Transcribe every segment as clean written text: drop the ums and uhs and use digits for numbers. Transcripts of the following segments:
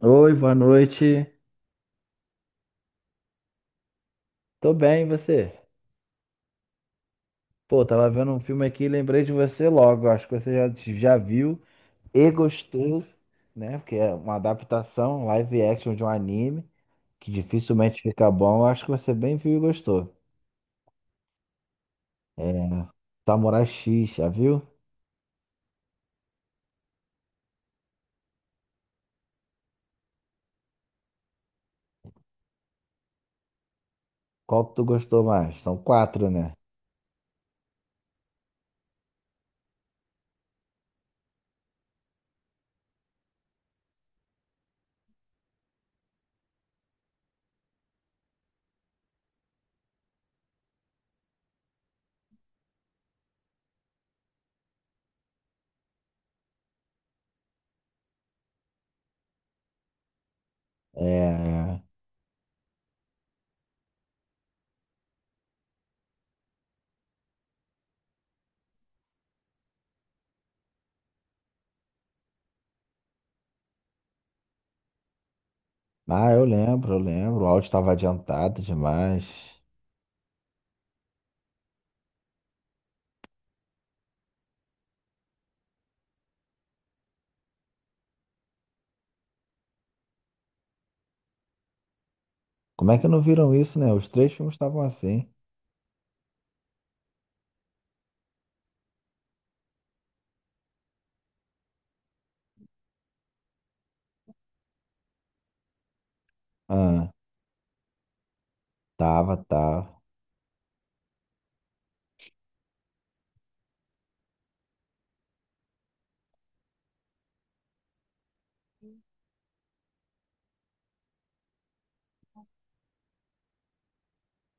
Oi, boa noite. Tô bem, e você? Pô, tava vendo um filme aqui e lembrei de você logo. Acho que você já viu e gostou, né? Porque é uma adaptação live action de um anime que dificilmente fica bom. Eu acho que você bem viu e gostou. É Samurai X, já viu? Qual que tu gostou mais? São quatro, né? É. Ah, eu lembro, eu lembro. O áudio estava adiantado demais. Como é que não viram isso, né? Os três filmes estavam assim. Ah, tava, tava.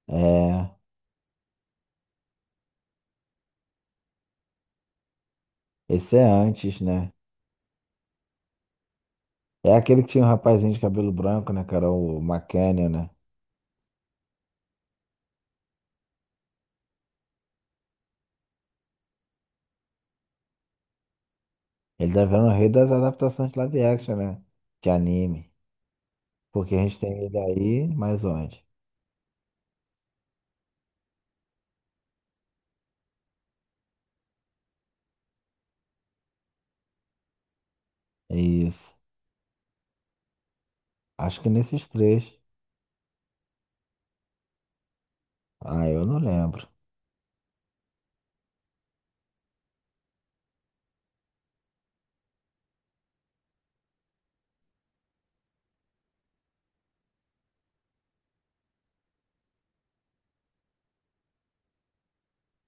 É. Esse é antes, né? É aquele que tinha um rapazinho de cabelo branco, né, que era o McKenna, né? Ele tá virando o rei das adaptações de live action, né? De anime. Porque a gente tem ele aí, mas onde? É isso. Acho que nesses três. Ah, eu não lembro.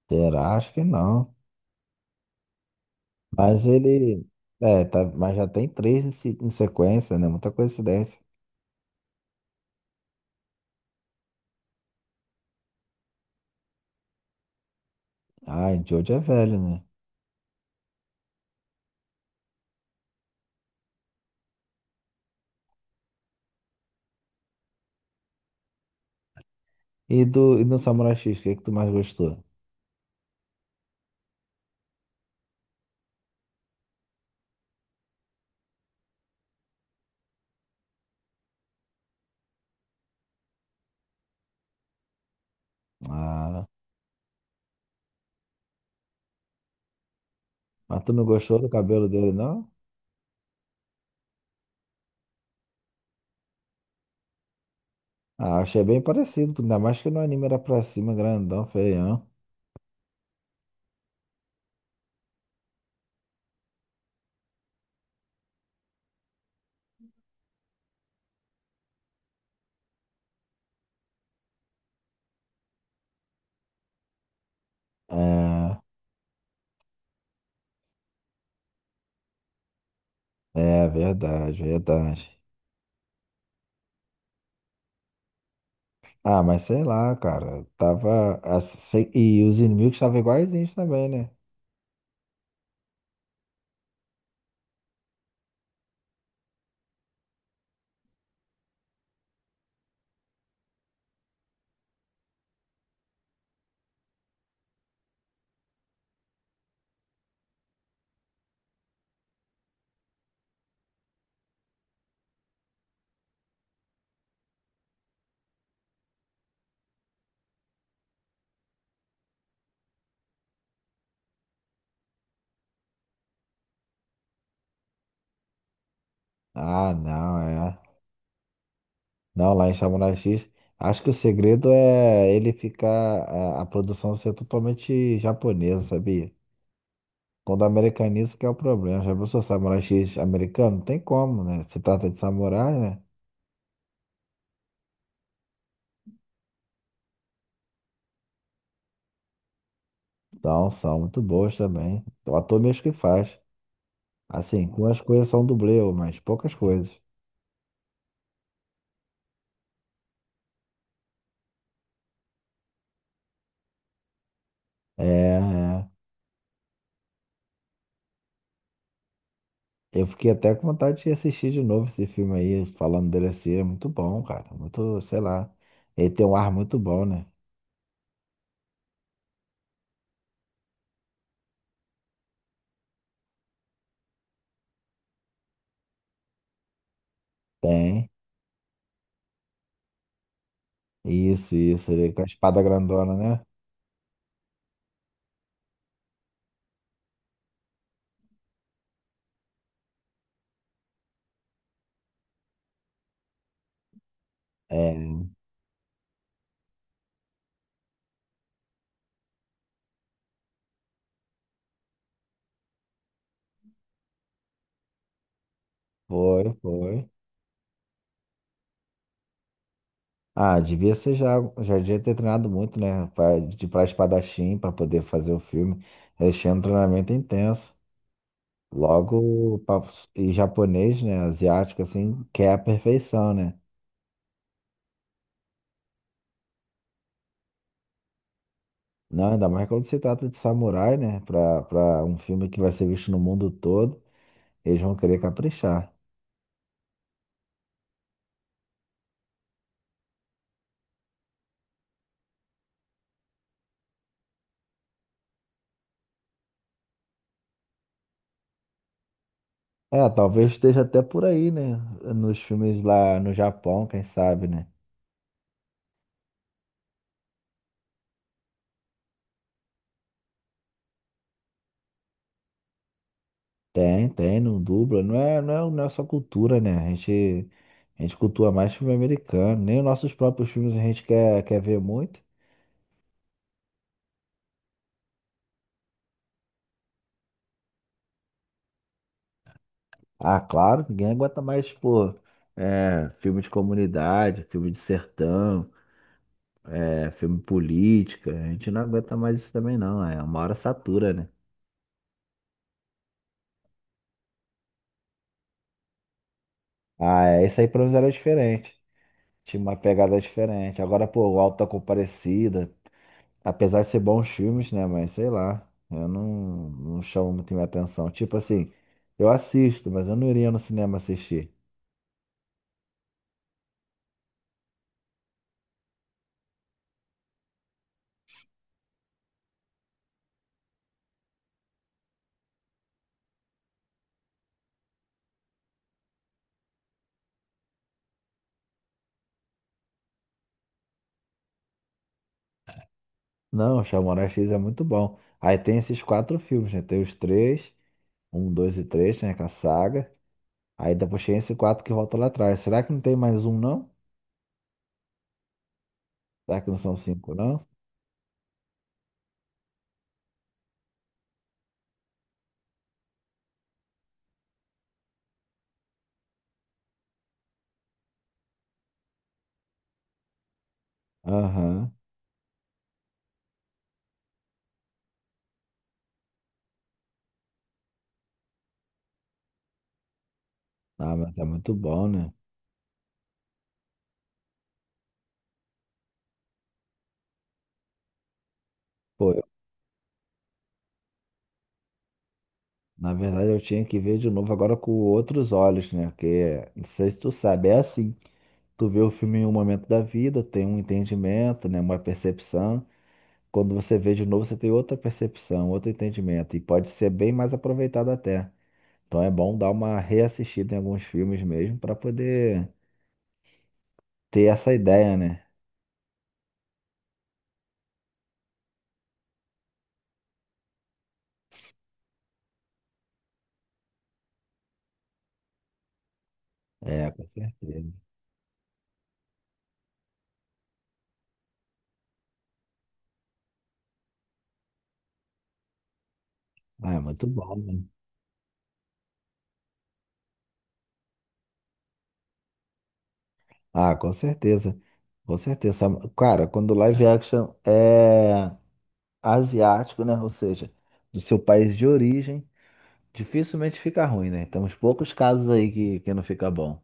Será? Acho que não. Mas ele. É, tá... mas já tem três em sequência, né? Muita coincidência. Ah, Jojo é velho, né? E do Samurai X, o que que tu mais gostou? Ah, mas tu não gostou do cabelo dele, não? Ah, achei bem parecido, ainda mais que no anime era pra cima, grandão, feião. É, é verdade, verdade. Ah, mas sei lá, cara, tava. Assim, e os inimigos estavam iguaizinhos também, né? Ah, não, é. Não, lá em Samurai X, acho que o segredo é ele ficar. A produção ser totalmente japonesa, sabia? Quando americaniza que é o problema. Já pensou Samurai X americano? Não tem como, né? Se trata de samurai, né? Então, são muito boas também. O ator mesmo que faz. Assim, algumas coisas são dublê, mas poucas coisas. É, é. Eu fiquei até com vontade de assistir de novo esse filme aí, falando dele assim. É muito bom, cara. Muito, sei lá. Ele tem um ar muito bom, né? Tem. Isso, isso. Ele é com a espada grandona, né? É, foi, foi. Ah, devia ser já devia ter treinado muito, né? Pra espadachim, pra poder fazer o filme. Eles tinham um treinamento intenso. Logo, e japonês, né? Asiático, assim, quer a perfeição, né? Não, ainda mais quando se trata de samurai, né? Pra um filme que vai ser visto no mundo todo, eles vão querer caprichar. É, talvez esteja até por aí, né? Nos filmes lá no Japão, quem sabe, né? Tem, tem, não dubla. Não é, não é só cultura, né? A gente cultua mais filme americano. Nem os nossos próprios filmes a gente quer ver muito. Ah, claro, ninguém aguenta mais, pô, é, filme de comunidade, filme de sertão, é, filme política. A gente não aguenta mais isso também, não. É uma hora satura, né? Ah, é, isso aí pra nós era diferente. Tinha uma pegada diferente. Agora, pô, o Auto da Compadecida, apesar de ser bons filmes, né? Mas sei lá, eu não chamo muito minha atenção. Tipo assim, eu assisto, mas eu não iria no cinema assistir. Não, Chamoral X é muito bom. Aí tem esses quatro filmes, né? Tem os três. Um, dois e três, né? Com a saga. Aí depois tem esse quatro que volta lá atrás. Será que não tem mais um, não? Será que não são cinco, não? Aham. Ah, mas é muito bom, né? Pô, eu- na verdade eu tinha que ver de novo agora com outros olhos, né? Porque, não sei se tu sabe, é assim. Tu vê o filme em um momento da vida, tem um entendimento, né? Uma percepção. Quando você vê de novo, você tem outra percepção, outro entendimento. E pode ser bem mais aproveitado até. Então é bom dar uma reassistida em alguns filmes mesmo para poder ter essa ideia, né? É, com certeza. Ah, é muito bom, né? Ah, com certeza. Com certeza. Cara, quando live action é asiático, né? Ou seja, do seu país de origem, dificilmente fica ruim, né? Temos poucos casos aí que não fica bom.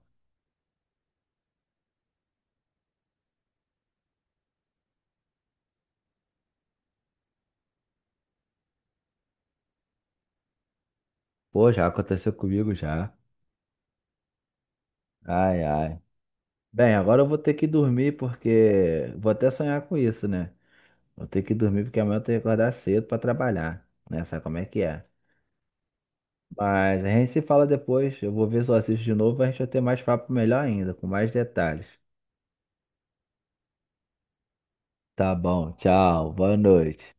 Pô, já aconteceu comigo já. Ai, ai. Bem, agora eu vou ter que dormir porque vou até sonhar com isso, né? Vou ter que dormir porque amanhã eu tenho que acordar cedo pra trabalhar, né? Sabe como é que é? Mas a gente se fala depois. Eu vou ver se eu assisto de novo. A gente vai ter mais papo melhor ainda, com mais detalhes. Tá bom, tchau, boa noite.